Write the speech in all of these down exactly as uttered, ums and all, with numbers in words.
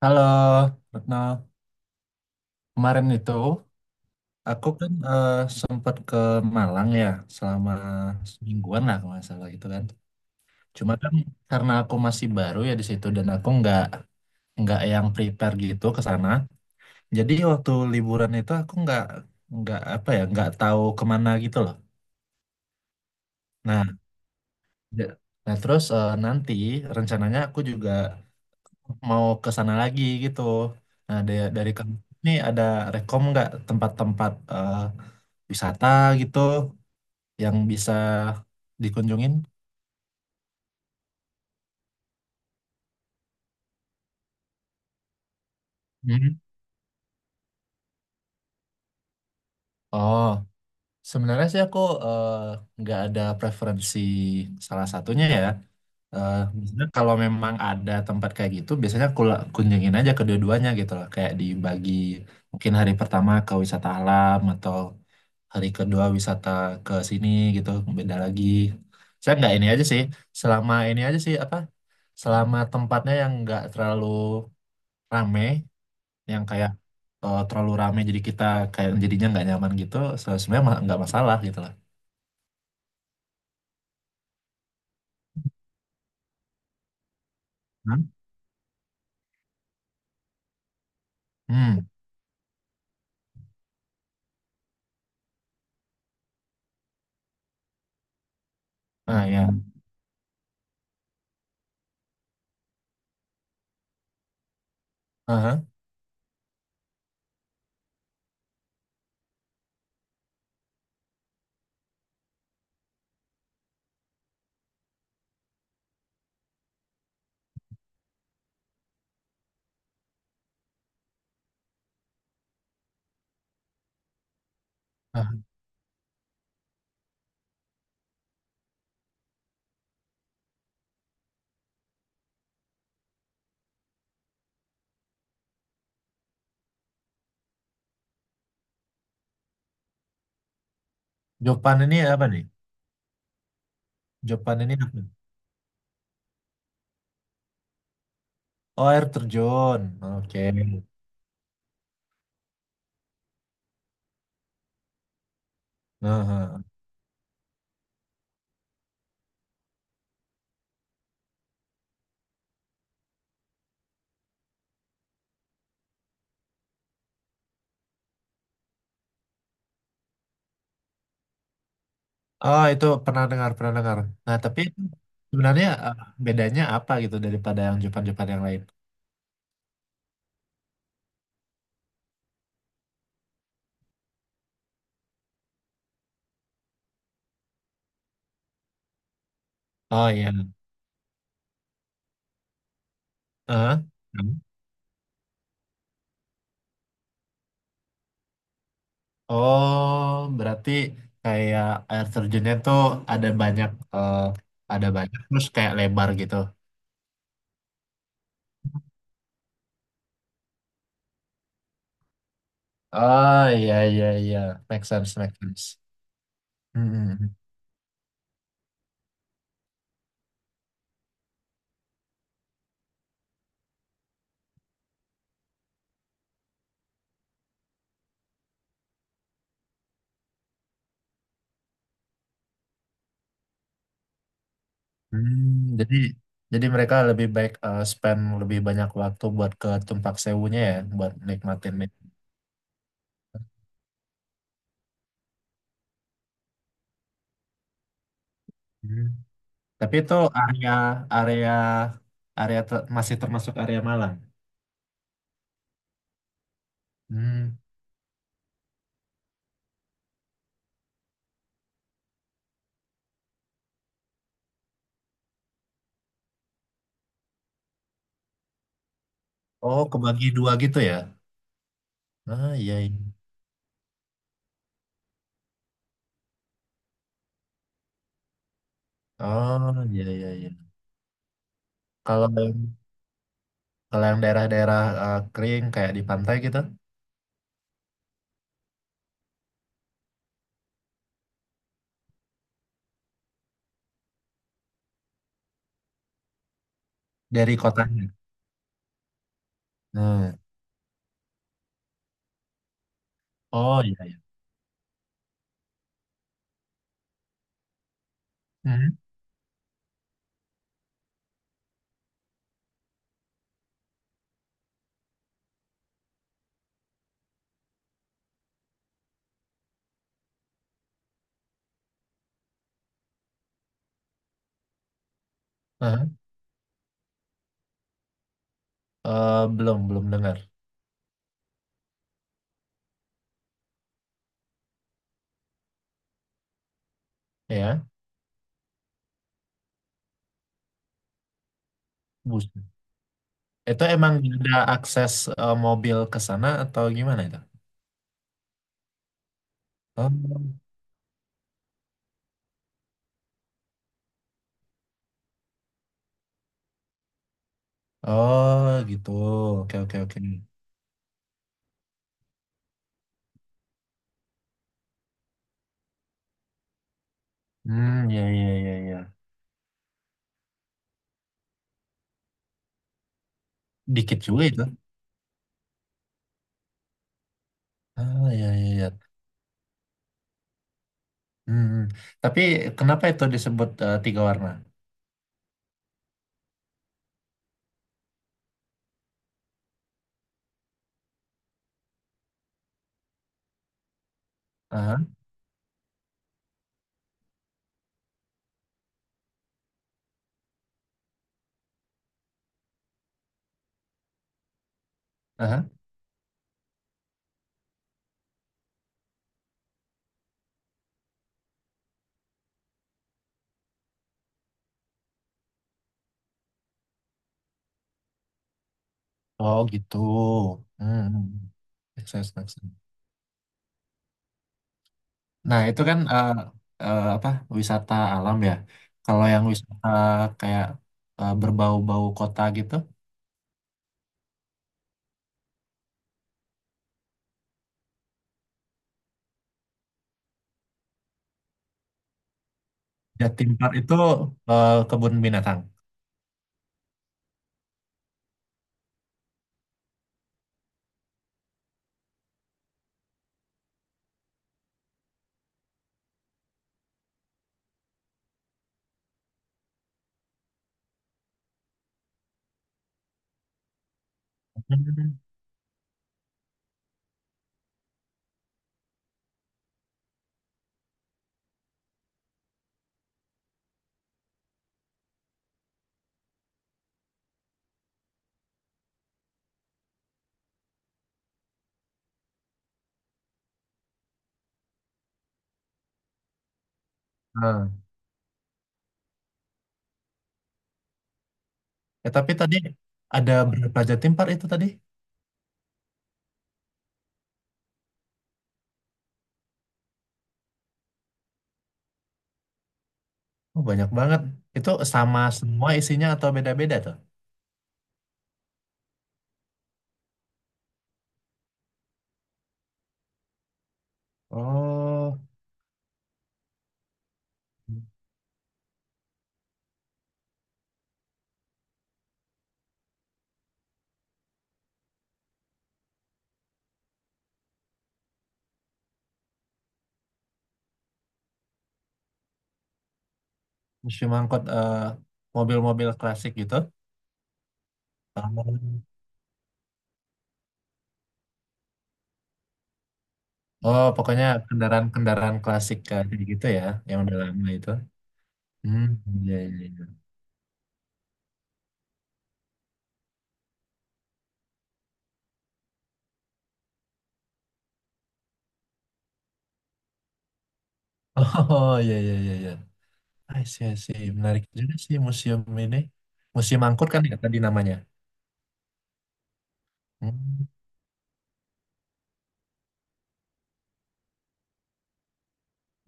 Halo, Retno. Kemarin itu aku kan eh, sempat ke Malang ya selama semingguan lah kalau nggak salah gitu kan. Cuma kan karena aku masih baru ya di situ dan aku nggak nggak yang prepare gitu ke sana. Jadi waktu liburan itu aku nggak nggak apa ya nggak tahu kemana gitu loh. Nah, ya- nah terus eh, nanti rencananya aku juga mau ke sana lagi gitu. Nah, dari, dari kamu ini ada rekom nggak tempat-tempat eh, wisata gitu yang bisa dikunjungin? Hmm. Oh, sebenarnya sih aku eh, nggak ada preferensi salah satunya ya. Eh, Biasanya kalau memang ada tempat kayak gitu, biasanya aku la- kunjungin aja kedua-duanya gitu loh. Kayak dibagi mungkin hari pertama ke wisata alam atau hari kedua wisata ke sini gitu, beda lagi. Saya nggak ini aja sih, selama ini aja sih apa, selama tempatnya yang nggak terlalu rame, yang kayak eh, terlalu rame jadi kita kayak jadinya nggak nyaman gitu, se- sebenarnya ma- nggak masalah gitu lah. Hah? Hmm. Ah, ya. Aha. Ah, Jopan ini apa nih? Jopan ini apa? Oh, air terjun, oke. Aha. Oh, itu pernah dengar, pernah dengar. Nah, tapi itu sebenarnya eh, bedanya apa gitu daripada yang Jepang-Jepang yang lain? Oh iya. Heeh. Hmm. Oh, berarti kayak air terjunnya tuh ada banyak, eh, ada banyak terus kayak lebar gitu. Oh iya iya iya, make sense, make sense. Hmm. Hmm, jadi jadi mereka lebih baik eh, spend lebih banyak waktu buat ke Tumpak Sewunya ya, buat nikmatin. Tapi itu area area area ter- masih termasuk area Malang. Hmm. Oh, kebagi dua gitu ya? Ah, iya, iya. Oh, iya, iya, iya. Kalau yang kalau yang daerah-daerah eh, kering kayak di pantai gitu, dari kotanya. Hmm. Oh, iya, iya. Hmm. Aha. Eh, belum, belum dengar. Ya, bus. Itu emang ada akses eh, mobil ke sana atau gimana itu? Oh, oh gitu. Oke, oke, oke. Hmm, ya ya iya, iya. Dikit juga itu. Ah, ya, ya, ya. Hmm. Hmm. Tapi kenapa itu disebut eh, tiga warna? Aha, aha. Oh, gitu. Hmm. Hmm. Make sense, make sense. Nah, itu kan eh, eh, apa, wisata alam ya. Kalau yang wisata kayak eh, berbau-bau kota gitu, Jatim Park itu eh, kebun binatang. Hmm. Nah, ya, tapi tadi ada berapa Jatim Park itu tadi? Oh, banyak banget. Itu sama semua isinya atau beda-beda tuh? Oh. Museum angkut eh, mobil-mobil klasik gitu. Sama- Oh, pokoknya kendaraan-kendaraan klasik eh, kayak gitu ya, yang udah lama itu. Hmm, iya, iya, iya. Oh, iya, iya, iya, iya. I see, I see. Menarik juga sih museum ini. Museum angkut kan ya tadi namanya. Hmm,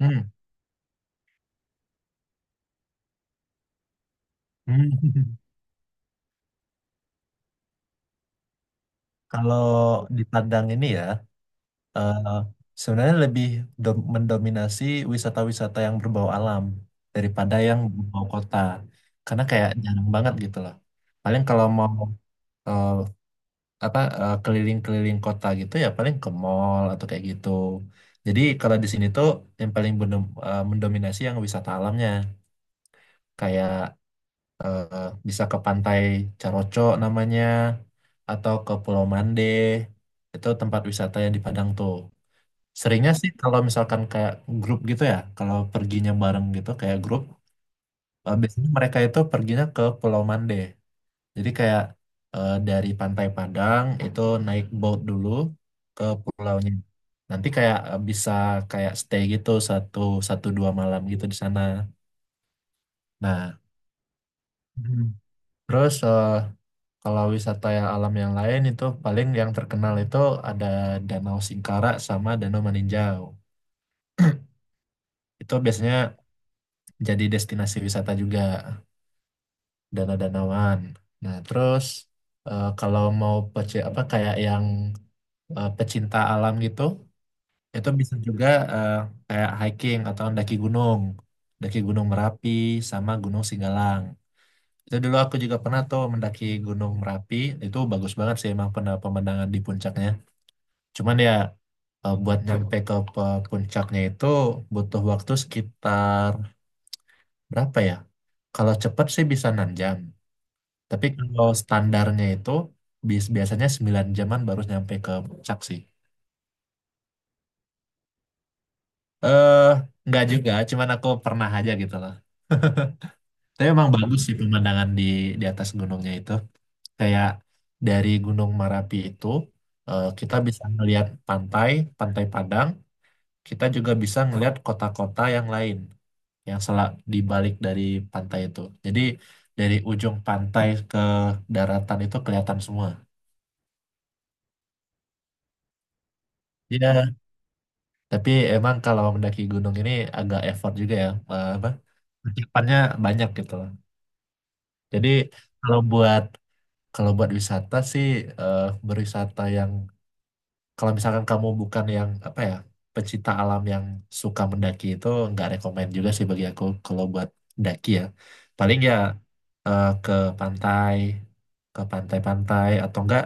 hmm, hmm. Kalau di Padang ini ya, eh, sebenarnya lebih dom- mendominasi wisata-wisata yang berbau alam daripada yang berbau kota. Karena kayak jarang banget gitu loh. Paling kalau mau eh, apa eh, keliling-keliling kota gitu ya paling ke mall atau kayak gitu. Jadi kalau di sini tuh yang paling benom- eh, mendominasi yang wisata alamnya kayak eh, bisa ke pantai Caroco namanya atau ke Pulau Mande. Itu tempat wisata yang di Padang tuh. Seringnya sih kalau misalkan kayak grup gitu ya, kalau perginya bareng gitu kayak grup, eh, biasanya mereka itu perginya ke Pulau Mande. Jadi kayak eh, dari Pantai Padang itu naik boat dulu ke pulaunya. Nanti kayak eh, bisa kayak stay gitu satu satu dua malam gitu di sana. Nah, Mhm. Terus eh, kalau wisata yang alam yang lain itu paling yang terkenal itu ada Danau Singkarak sama Danau Maninjau. Itu biasanya jadi destinasi wisata juga. Danau Danawan. Nah, terus eh, kalau mau pece apa kayak yang eh, pecinta alam gitu, itu bisa juga eh, kayak hiking atau mendaki gunung, mendaki Gunung Merapi sama Gunung Singgalang. Itu dulu aku juga pernah tuh mendaki Gunung Merapi, itu bagus banget sih emang pernah pemandangan di puncaknya. Cuman ya eh, buat nyampe ke pe- puncaknya itu butuh waktu sekitar berapa ya? Kalau cepat sih bisa enam jam. Tapi kalau standarnya itu bis- biasanya sembilan jaman baru nyampe ke puncak sih. Eh, nggak juga, cuman aku pernah aja gitu loh. Tapi emang bagus sih pemandangan di di atas gunungnya itu. Kayak dari Gunung Marapi itu eh, kita bisa ngelihat pantai, Pantai Padang. Kita juga bisa ngelihat kota-kota yang lain yang selak di balik dari pantai itu. Jadi dari ujung pantai ke daratan itu kelihatan semua. Ya. Tapi emang kalau mendaki gunung ini agak effort juga ya, eh, apa? Persiapannya banyak gitu loh. Jadi kalau buat kalau buat wisata sih eh, berwisata yang, kalau misalkan kamu bukan yang apa ya pecinta alam yang suka mendaki, itu nggak rekomend juga sih bagi aku kalau buat daki ya. Paling ya eh, ke pantai, ke pantai-pantai atau enggak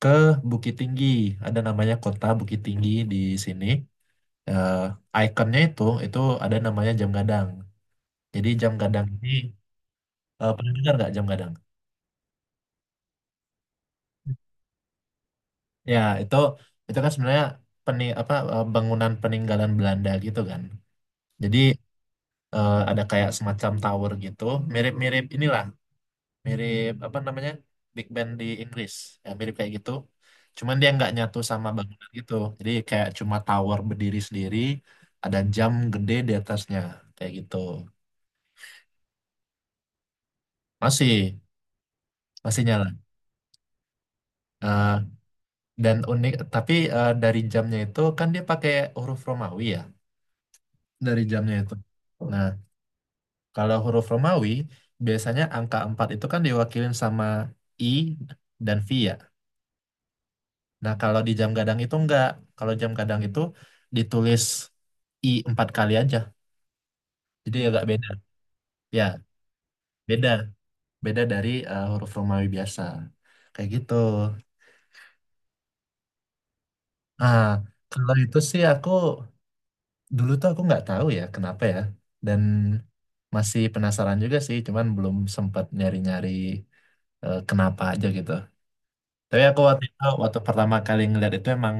ke Bukit Tinggi. Ada namanya kota Bukit Tinggi di sini. eh Ikonnya itu itu ada namanya jam gadang. Jadi jam gadang ini eh, pernah dengar nggak jam gadang? Ya itu itu kan sebenarnya peni apa eh, bangunan peninggalan Belanda gitu kan. Jadi eh, ada kayak semacam tower gitu, mirip-mirip inilah, mirip apa namanya, Big Ben di Inggris, ya, mirip kayak gitu. Cuman dia nggak nyatu sama bangunan gitu. Jadi kayak cuma tower berdiri sendiri, ada jam gede di atasnya kayak gitu. Masih masih nyala. Eh, Dan unik, tapi eh, dari jamnya itu kan dia pakai huruf Romawi ya, dari jamnya itu. Nah, kalau huruf Romawi biasanya angka empat itu kan diwakilin sama I dan V ya. Nah, kalau di jam gadang itu enggak. Kalau jam gadang itu ditulis I empat kali aja. Jadi agak beda. Ya, beda. Beda dari eh, huruf Romawi biasa. Kayak gitu. Ah, kalau itu sih aku dulu tuh aku nggak tahu ya kenapa ya, dan masih penasaran juga sih cuman belum sempat nyari-nyari eh, kenapa aja gitu. Tapi aku waktu itu waktu pertama kali ngeliat itu emang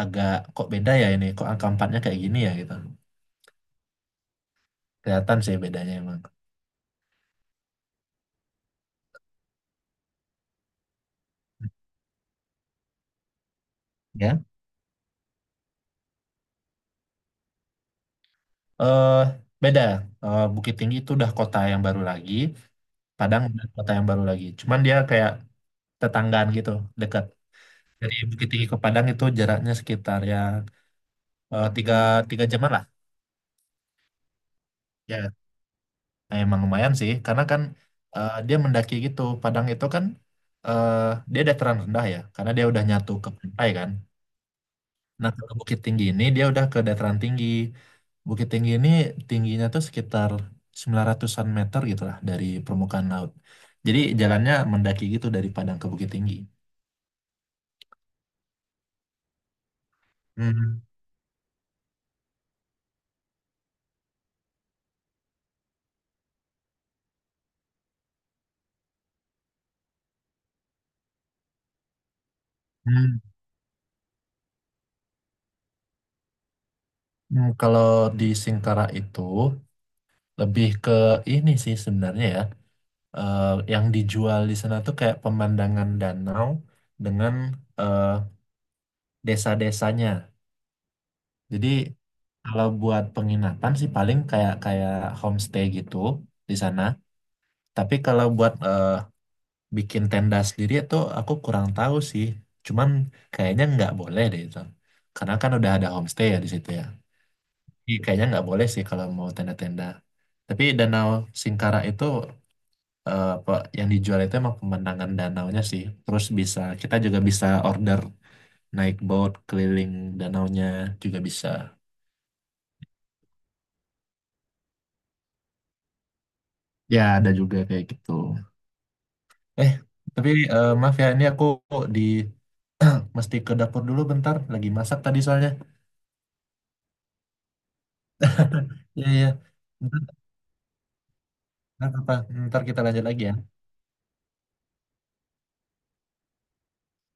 agak, kok beda ya ini, kok angka empatnya kayak gini ya gitu. Kelihatan sih bedanya emang, ya, eh beda. Eh, Bukit Tinggi itu udah kota yang baru lagi, Padang udah kota yang baru lagi cuman dia kayak tetanggaan gitu, dekat. Dari Bukit Tinggi ke Padang itu jaraknya sekitar ya eh, tiga tiga jaman lah. Ya, nah emang lumayan sih, karena kan eh, dia mendaki gitu. Padang itu kan eh, dia dataran rendah ya, karena dia udah nyatu ke pantai kan. Nah, ke Bukit Tinggi ini dia udah ke dataran tinggi. Bukit Tinggi ini tingginya tuh sekitar sembilan ratusan-an meter gitu lah dari permukaan laut. Jadi jalannya mendaki gitu dari Padang ke Bukit Tinggi. Hmm. Hmm. Hmm. Kalau di Singkara itu lebih ke ini sih sebenarnya ya. eh, yang dijual di sana tuh kayak pemandangan danau dengan eh, desa-desanya. Jadi kalau buat penginapan sih paling kayak kayak homestay gitu di sana. Tapi kalau buat eh, bikin tenda sendiri itu aku kurang tahu sih. Cuman kayaknya nggak boleh deh itu. Karena kan udah ada homestay ya di situ ya. Jadi kayaknya nggak boleh sih kalau mau tenda-tenda. Tapi Danau Singkara itu eh, pe- yang dijual itu emang pemandangan danaunya sih. Terus bisa kita juga bisa order naik boat keliling danaunya juga bisa. Ya ada juga kayak gitu. Eh tapi eh, maaf ya ini aku di mesti ke dapur dulu bentar. Lagi masak tadi soalnya. Iya iya. Ntar, Ntar apa? Ntar kita lanjut lagi ya.